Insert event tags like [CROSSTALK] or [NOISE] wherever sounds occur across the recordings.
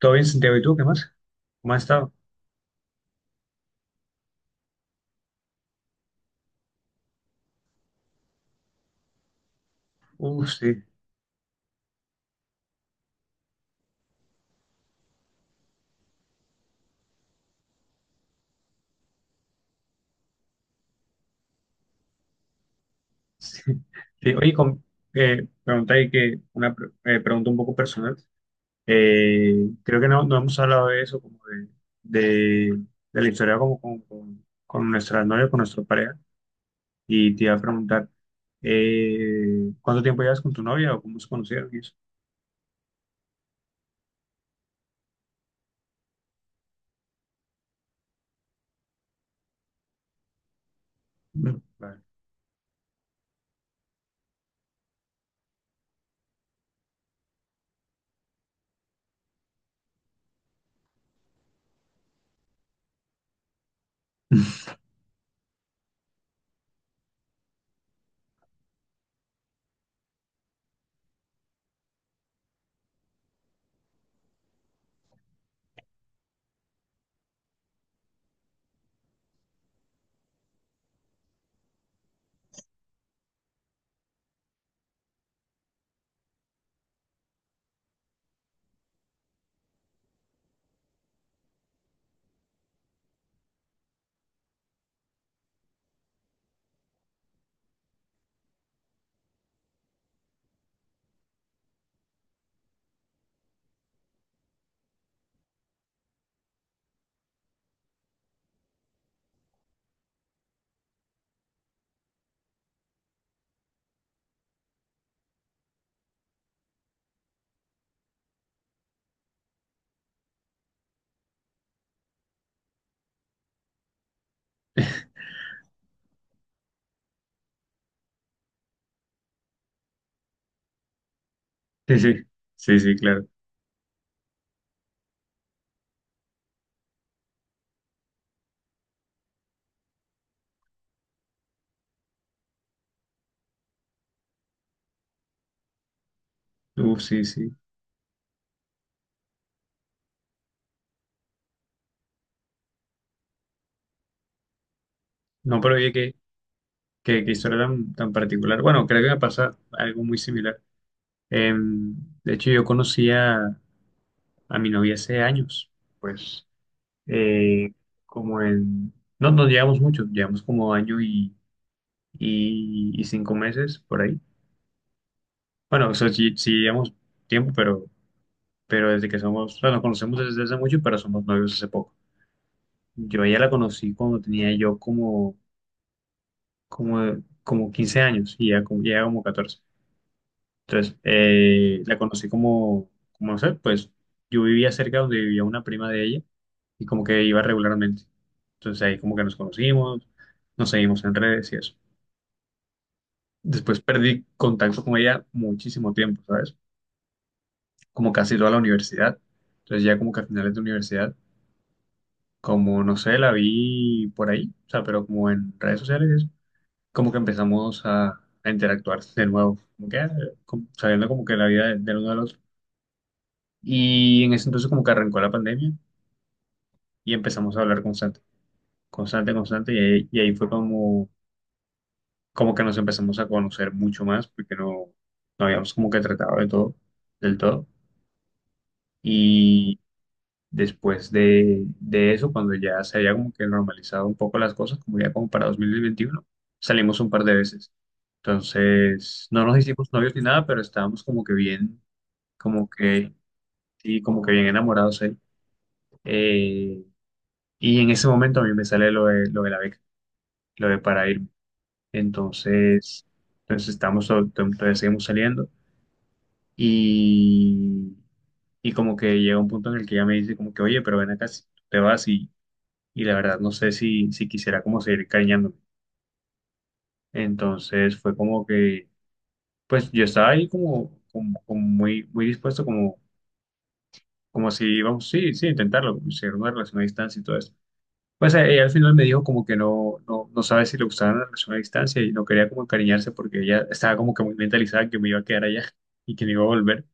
Todo bien, Santiago, ¿y tú qué más? ¿Cómo has estado? Uh, sí, sí. Sí, oye, pregunta ahí que una pregunta un poco personal. Creo que no hemos hablado de eso, de, de la historia como con nuestra novia, con nuestra pareja. Y te iba a preguntar, ¿cuánto tiempo llevas con tu novia o cómo se conocieron y eso? Mm, vale. [LAUGHS] Sí, sí, sí, sí, claro. Uf, sí, sí. No, pero oye, qué historia tan, tan particular. Bueno, creo que me pasa algo muy similar. Em, de hecho, yo conocí a mi novia hace años, pues eh, como en... No, no llevamos mucho, llevamos como año y cinco meses por ahí. Bueno, eso sí, sí llevamos tiempo, pero desde que somos, o sea, nos conocemos desde hace mucho, pero somos novios hace poco. Yo a ella la conocí cuando tenía yo como 15 años y ya como catorce. Entonces, la conocí como, como, no sé, pues yo vivía cerca donde vivía una prima de ella y como que iba regularmente. Entonces ahí como que nos conocimos, nos seguimos en redes y eso. Después perdí contacto con ella muchísimo tiempo, ¿sabes? Como casi toda la universidad. Entonces ya como que a finales de universidad, como no sé, la vi por ahí, o sea, pero como en redes sociales, y eso, como que empezamos a interactuar de nuevo, como que ah, como- sabiendo como que la vida de- del uno del otro. Y en ese entonces como que arrancó la pandemia y empezamos a hablar constante, constante, constante. Y ahí fue como, como que nos empezamos a conocer mucho más porque no habíamos como que tratado de todo, del todo. Y después de eso, cuando ya se había como que normalizado un poco las cosas, como ya como para 2021 salimos un par de veces. Entonces, no nos hicimos novios ni nada, pero estábamos como que bien, como que, sí, como que bien enamorados ahí. Eh, Y en ese momento a mí me sale lo de la beca, lo de para irme. Entonces, entonces estamos, todavía seguimos saliendo y, y como que llega un punto en el que ella me dice como que, oye, pero ven acá, si tú te vas y la verdad no sé si, si quisiera como seguir cariñándome. Entonces fue como que, pues yo estaba ahí como, como, como muy, muy dispuesto, como, como si íbamos, sí, sí, intentarlo, como si era una relación a distancia y todo eso. Pues ella al final me dijo como que no, no, no sabe si le gustaba la relación a distancia y no quería como encariñarse porque ella estaba como que muy mentalizada que me iba a quedar allá y que no iba a volver.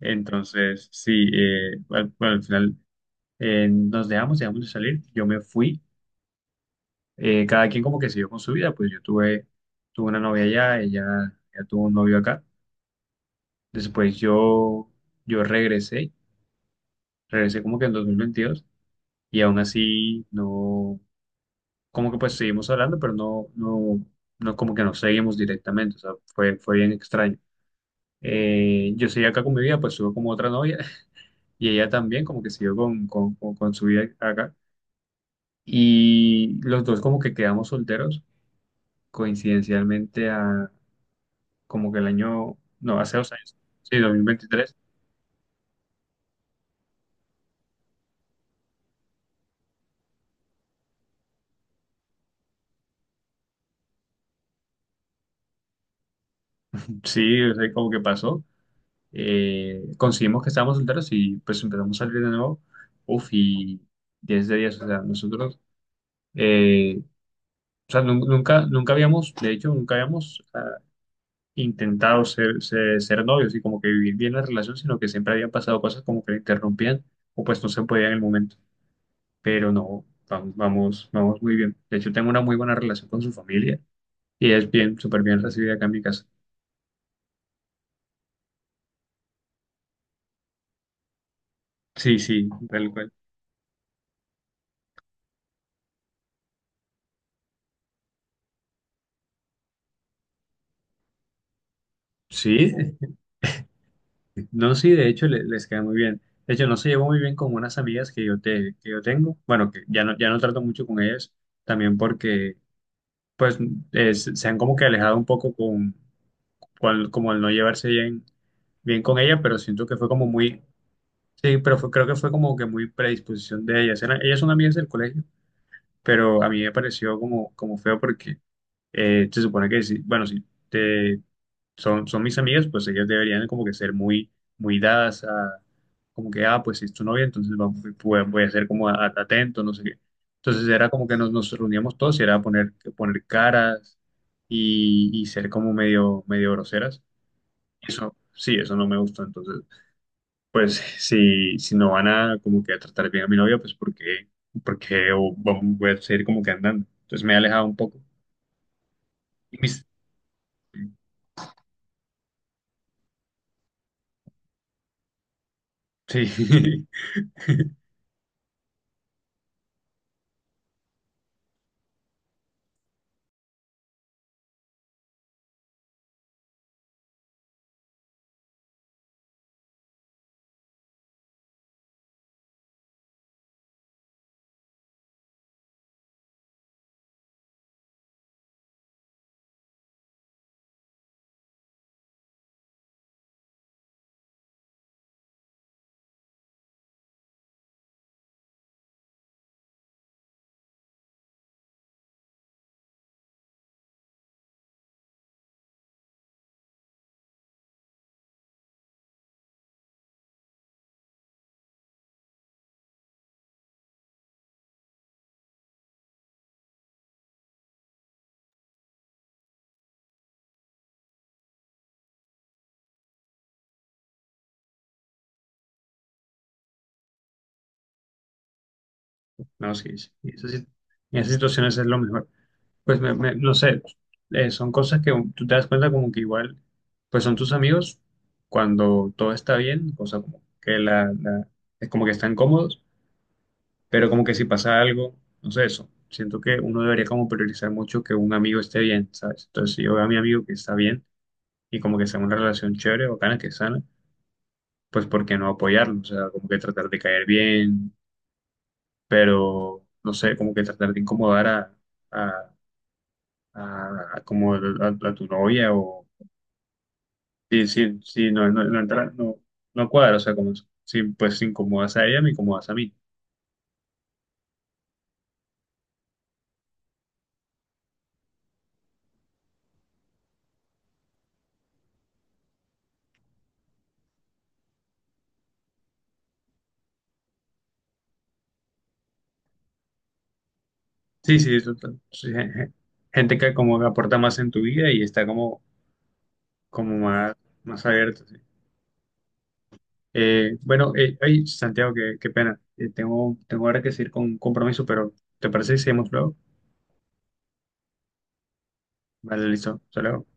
Entonces, sí, bueno, al final nos dejamos, dejamos de salir, yo me fui, cada quien como que siguió con su vida, pues yo tuve, tuve una novia allá, ella tuvo un novio acá. Después yo, yo regresé, regresé como que en 2022 y aún así no como que pues seguimos hablando, pero no, no, no como que nos seguimos directamente, o sea, fue, fue bien extraño. Yo seguí acá con mi vida, pues estuve como otra novia [LAUGHS] y ella también como que siguió con su vida acá. Y los dos como que quedamos solteros coincidencialmente a como que el año, no, hace dos años, sí, dos mil veintitrés. Sí, o sea, como que pasó. Conseguimos que estábamos solteros y pues empezamos a salir de nuevo. Uf, y 10 de 10, o sea, nosotros... Eh, o sea, nunca, nunca habíamos, de hecho, nunca habíamos ah, intentado ser, ser, ser novios y como que vivir bien la relación, sino que siempre habían pasado cosas como que la interrumpían o pues no se podía en el momento. Pero no, vamos, vamos, vamos muy bien. De hecho, tengo una muy buena relación con su familia y es bien, súper bien recibida acá en mi casa. Sí, sí, tal cual. Sí, [LAUGHS] no, sí, de hecho les queda muy bien. De hecho, no se llevó muy bien con unas amigas que que yo tengo. Bueno, que ya no, ya no trato mucho con ellas, también porque pues se han como que alejado un poco como el no llevarse bien, bien con ella, pero siento que fue como muy, sí, pero creo que fue como que muy predisposición de ella. Ellas son amigas del colegio, pero a mí me pareció como, como feo porque se supone que sí, bueno, sí, son, son mis amigas, pues ellas deberían como que ser muy, muy dadas a, como que, ah, pues si es tu novia, entonces voy, voy a ser como atento, no sé qué. Entonces era como que nos, nos reuníamos todos y era poner, poner caras y ser como medio, medio groseras. Eso, sí, eso no me gustó. Entonces, pues si, si no van a como que a tratar bien a mi novia, pues porque, porque voy a seguir como que andando. Entonces me he alejado un poco. Y mis- sí. [LAUGHS] No, sí, sí. En esas situaciones es lo mejor. Pues no sé, son cosas que tú te das cuenta como que igual, pues son tus amigos cuando todo está bien, o sea, como que la- es como que están cómodos, pero como que si pasa algo, no sé, eso. Siento que uno debería como priorizar mucho que un amigo esté bien, ¿sabes? Entonces, si yo veo a mi amigo que está bien y como que sea una relación chévere, bacana, que es sana, pues ¿por qué no apoyarlo? O sea, como que tratar de caer bien, pero no sé, como que tratar de incomodar a, a como a tu novia o sí, sí, sí, no, no, no entra, no, no cuadra, o sea, como si pues si incomodas a ella, me incomodas a mí. Sí, sí, eso sí, gente que como que aporta más en tu vida y está como, como más, más abierta, sí. Bueno, ay, Santiago, qué, qué pena. Tengo, tengo ahora que seguir con un compromiso, pero ¿te parece si seguimos luego? Vale, listo. Hasta luego.